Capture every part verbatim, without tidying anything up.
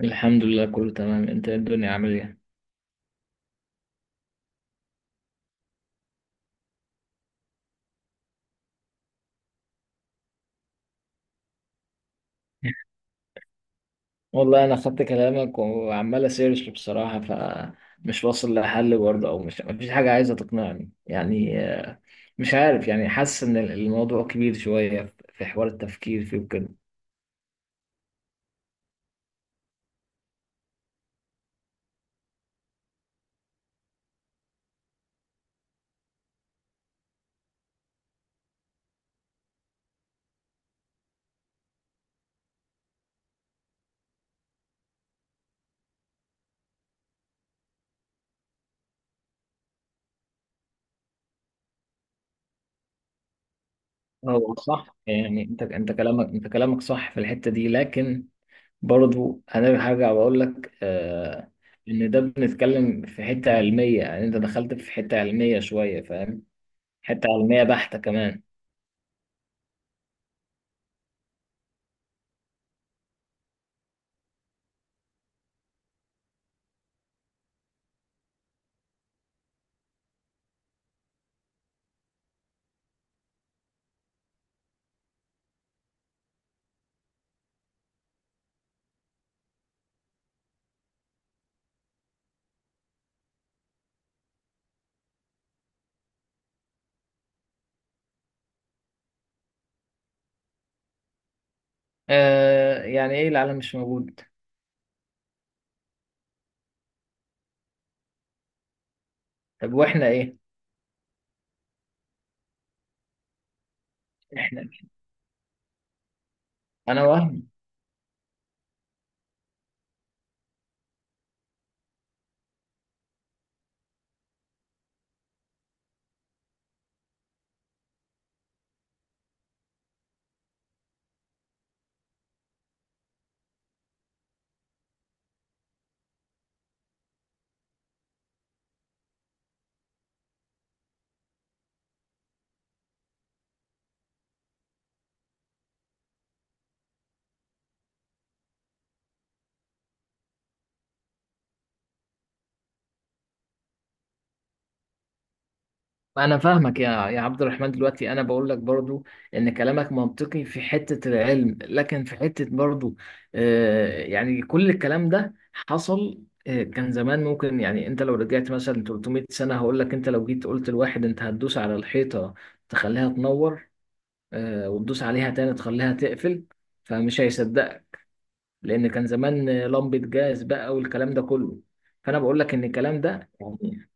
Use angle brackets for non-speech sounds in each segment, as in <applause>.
الحمد لله كله تمام. انت ايه الدنيا عامل ايه؟ والله انا خدت كلامك وعمال اسيرش بصراحه، فمش واصل لحل برضه، او مش، مفيش حاجه عايزه تقنعني يعني آه، مش عارف، يعني حاسس ان الموضوع كبير شويه في حوار التفكير فيه وكده. هو صح، يعني انت انت كلامك، انت كلامك صح في الحته دي، لكن برضه انا هرجع واقول لك آه، ان ده بنتكلم في حته علميه، يعني انت دخلت في حته علميه شويه، فاهم؟ حته علميه بحته كمان. آه، يعني ايه العالم مش موجود؟ طب واحنا ايه؟ احنا انا وهم. انا فاهمك يا يا عبد الرحمن. دلوقتي انا بقول لك برضو ان كلامك منطقي في حتة العلم، لكن في حتة برضو آه، يعني كل الكلام ده حصل. آه، كان زمان ممكن، يعني انت لو رجعت مثلا ثلاثمية سنة، هقول لك انت لو جيت قلت لواحد انت هتدوس على الحيطة تخليها تنور، آه، وتدوس عليها تاني تخليها تقفل، فمش هيصدقك، لان كان زمان لمبه جاز بقى والكلام ده كله. فانا بقول لك ان الكلام ده يعني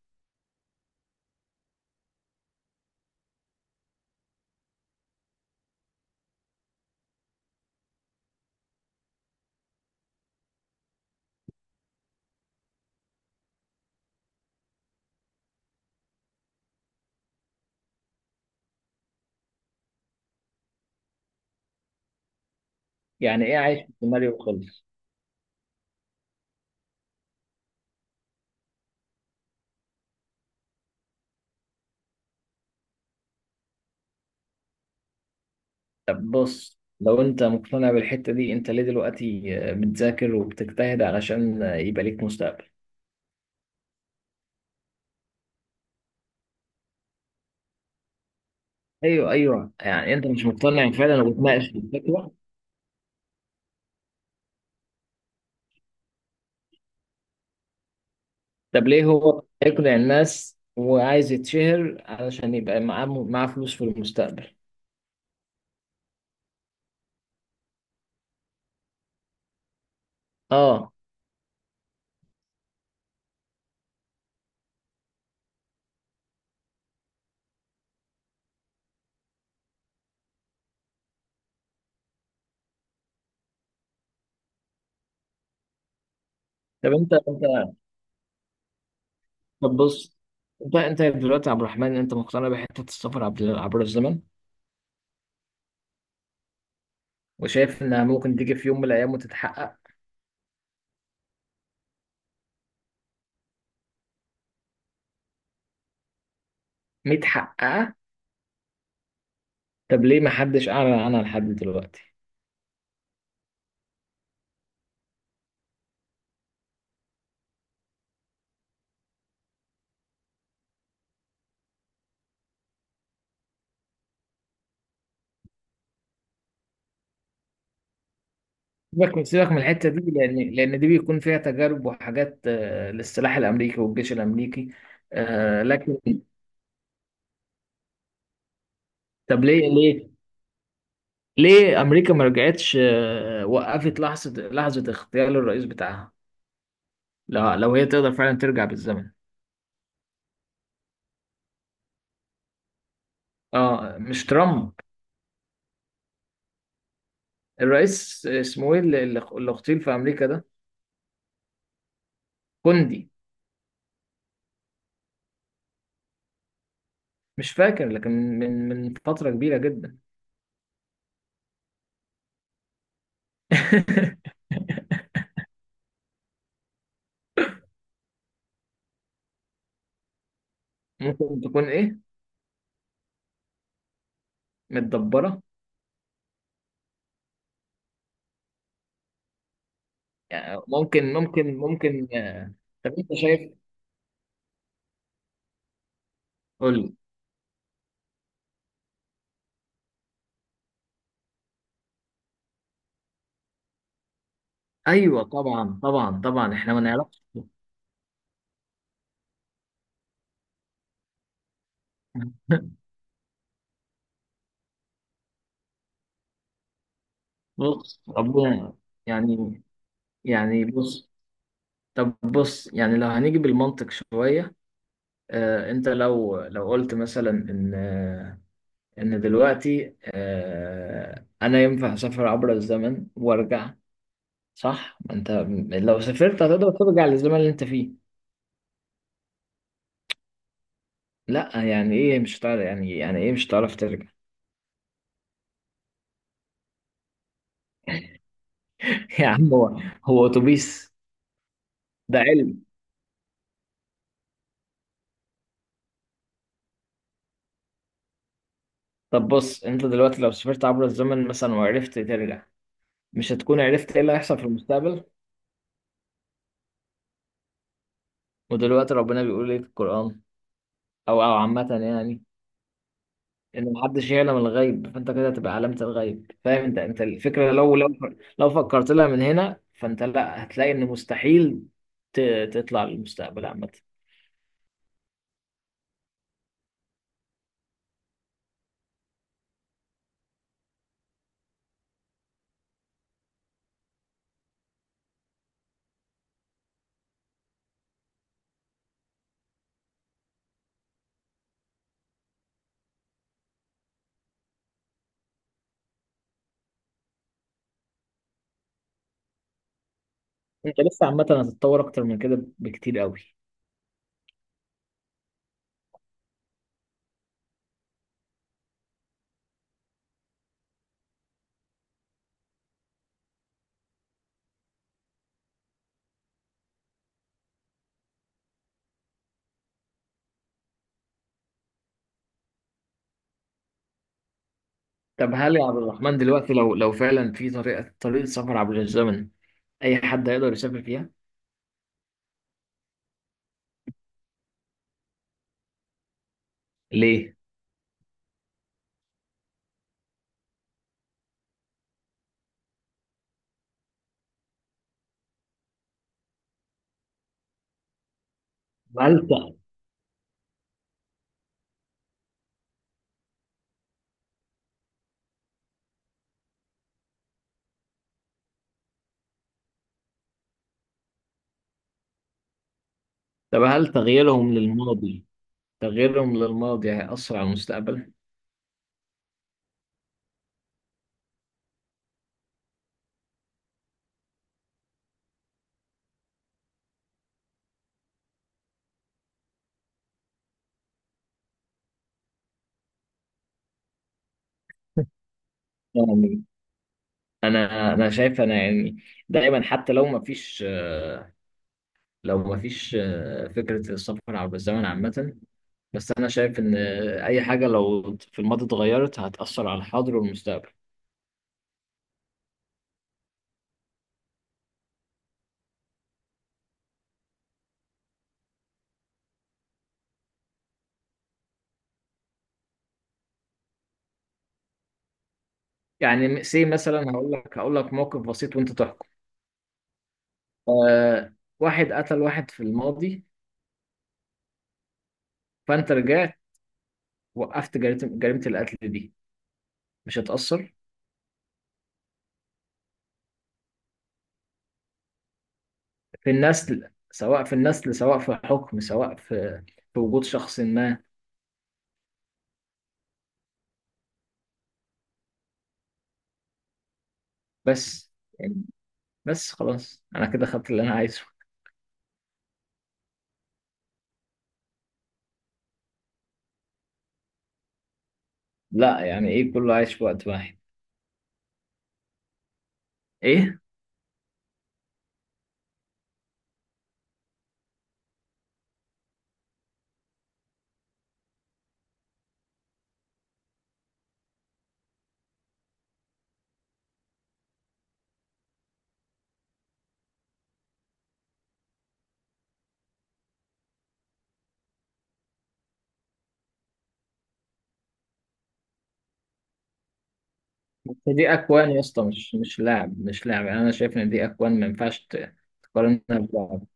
يعني ايه عايش في سيناريو خالص؟ طب بص، لو انت مقتنع بالحته دي، انت ليه دلوقتي آه، بتذاكر وبتجتهد علشان آه، يبقى ليك مستقبل؟ ايوه ايوه، يعني انت مش مقتنع فعلا وبتناقش في الفكره. طب ليه هو يقنع الناس وعايز يتشهر علشان يبقى معاه معاه فلوس في المستقبل؟ اه. طب انت انت طب بص، انت انت دلوقتي يا عبد الرحمن، انت مقتنع بحته السفر عبر عبر الزمن، وشايف انها ممكن تيجي في يوم من الايام وتتحقق؟ متحققه؟ طب ليه ما حدش اعلن عنها لحد دلوقتي؟ سيبك سيبك من الحته دي، لان لان دي بيكون فيها تجارب وحاجات آه، للسلاح الامريكي والجيش الامريكي. آه، لكن طب ليه ليه ليه امريكا ما رجعتش آه، وقفت لحظه لحظه اغتيال الرئيس بتاعها؟ لو لو هي تقدر فعلا ترجع بالزمن. اه مش ترامب. الرئيس اسمه ايه اللي اللي اللي اغتيل في امريكا ده؟ كوندي. مش فاكر، لكن من من فتره كبيره جدا. <laughs> ممكن تكون ايه؟ متدبره؟ يعني ممكن ممكن ممكن آه، طب انت شايف؟ قول لي. ايوه طبعا طبعا طبعا، احنا ما نعرفش. <laughs> بص ربنا، يعني يعني بص، طب بص، يعني لو هنيجي بالمنطق شويه آه، انت لو لو قلت مثلا ان آه، ان دلوقتي آه، انا ينفع اسافر عبر الزمن وارجع، صح؟ ما انت لو سافرت هتقدر ترجع للزمن اللي انت فيه. لا، يعني ايه مش هتعرف؟ يعني يعني ايه مش هتعرف ترجع؟ <laughs> يا عم، هو هو اتوبيس ده؟ علم. طب بص، انت دلوقتي لو سافرت عبر الزمن مثلا وعرفت ترجع، مش هتكون عرفت ايه اللي هيحصل في المستقبل؟ ودلوقتي ربنا بيقول ايه في القرآن، او او عامة يعني، ان محدش يعلم الغيب. فانت كده تبقى علامة الغيب، فاهم؟ انت انت الفكرة لو لو لو فكرت لها من هنا، فانت لا، هتلاقي ان مستحيل ت- تطلع للمستقبل عامة. انت لسه عامة هتتطور اكتر من كده بكتير قوي. طب هل يا عبد الرحمن دلوقتي لو لو فعلا في طريقة طريقة سفر عبر الزمن، أي حد هيقدر يسافر فيها؟ ليه؟ هل ت- طب هل تغييرهم للماضي، تغييرهم للماضي هيأثر على المستقبل؟ يعني أنا أنا شايف، أنا يعني، دايما حتى لو ما فيش آه، لو ما فيش آه، فكرة السفر عبر الزمن عامة، بس أنا شايف إن آه، أي حاجة لو في الماضي اتغيرت هتأثر على الحاضر والمستقبل. يعني سي مثلا، هقول لك، هقول لك موقف بسيط وأنت تحكم. آه، واحد قتل واحد في الماضي، فانت رجعت وقفت جريمة جريمة القتل دي. مش هتأثر في النسل، سواء في النسل، سواء في حكم، سواء في في وجود شخص ما؟ بس يعني، بس خلاص، انا كده خدت اللي انا عايزه. لا، يعني ايه كله عايش في وقت واحد؟ ايه؟ بس دي اكوان يا اسطى، مش مش لاعب، مش لاعب، يعني انا شايف ان دي اكوان ما ينفعش ت- تقارنها ببعض.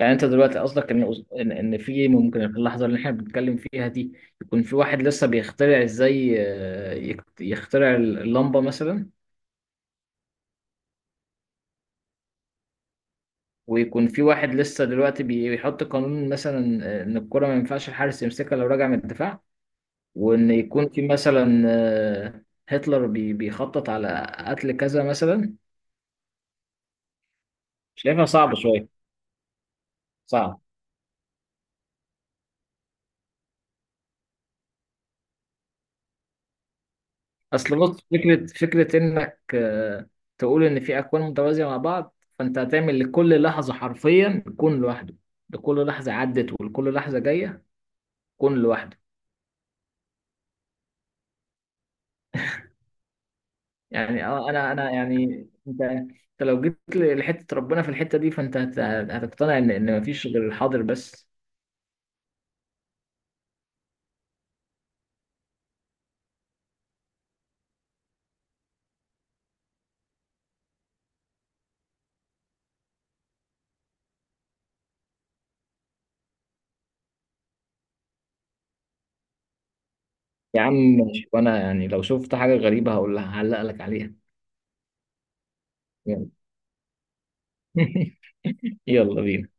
يعني انت دلوقتي قصدك ان ان إن في، ممكن في اللحظه اللي احنا بنتكلم فيها دي، يكون في واحد لسه بيخترع ازاي آه، يك- يخترع اللمبه مثلا، ويكون في واحد لسه دلوقتي بي- بيحط قانون مثلا آه، ان الكره ما ينفعش الحارس يمسكها لو راجع من الدفاع، وان يكون في مثلا آه، هتلر بي- بيخطط على قتل كذا مثلا. شايفها صعبه شويه. صعب. اصل بص، فكره فكره انك آه، تقول ان في اكوان متوازيه مع بعض، فانت هتعمل لكل لحظه حرفيا كون لوحده. لكل لحظه عدت ولكل لحظه جايه كون لوحده. يعني اه، انا انا يعني، انت انت لو جيت ل- لحته ربنا في الحته دي، فانت هت- هتقتنع ان ان مفيش غير الحاضر بس. يا عم ماشي، وانا يعني لو شفت حاجه غريبه هقول لها، هعلق لك عليها. يلا. <laughs> يلا بينا.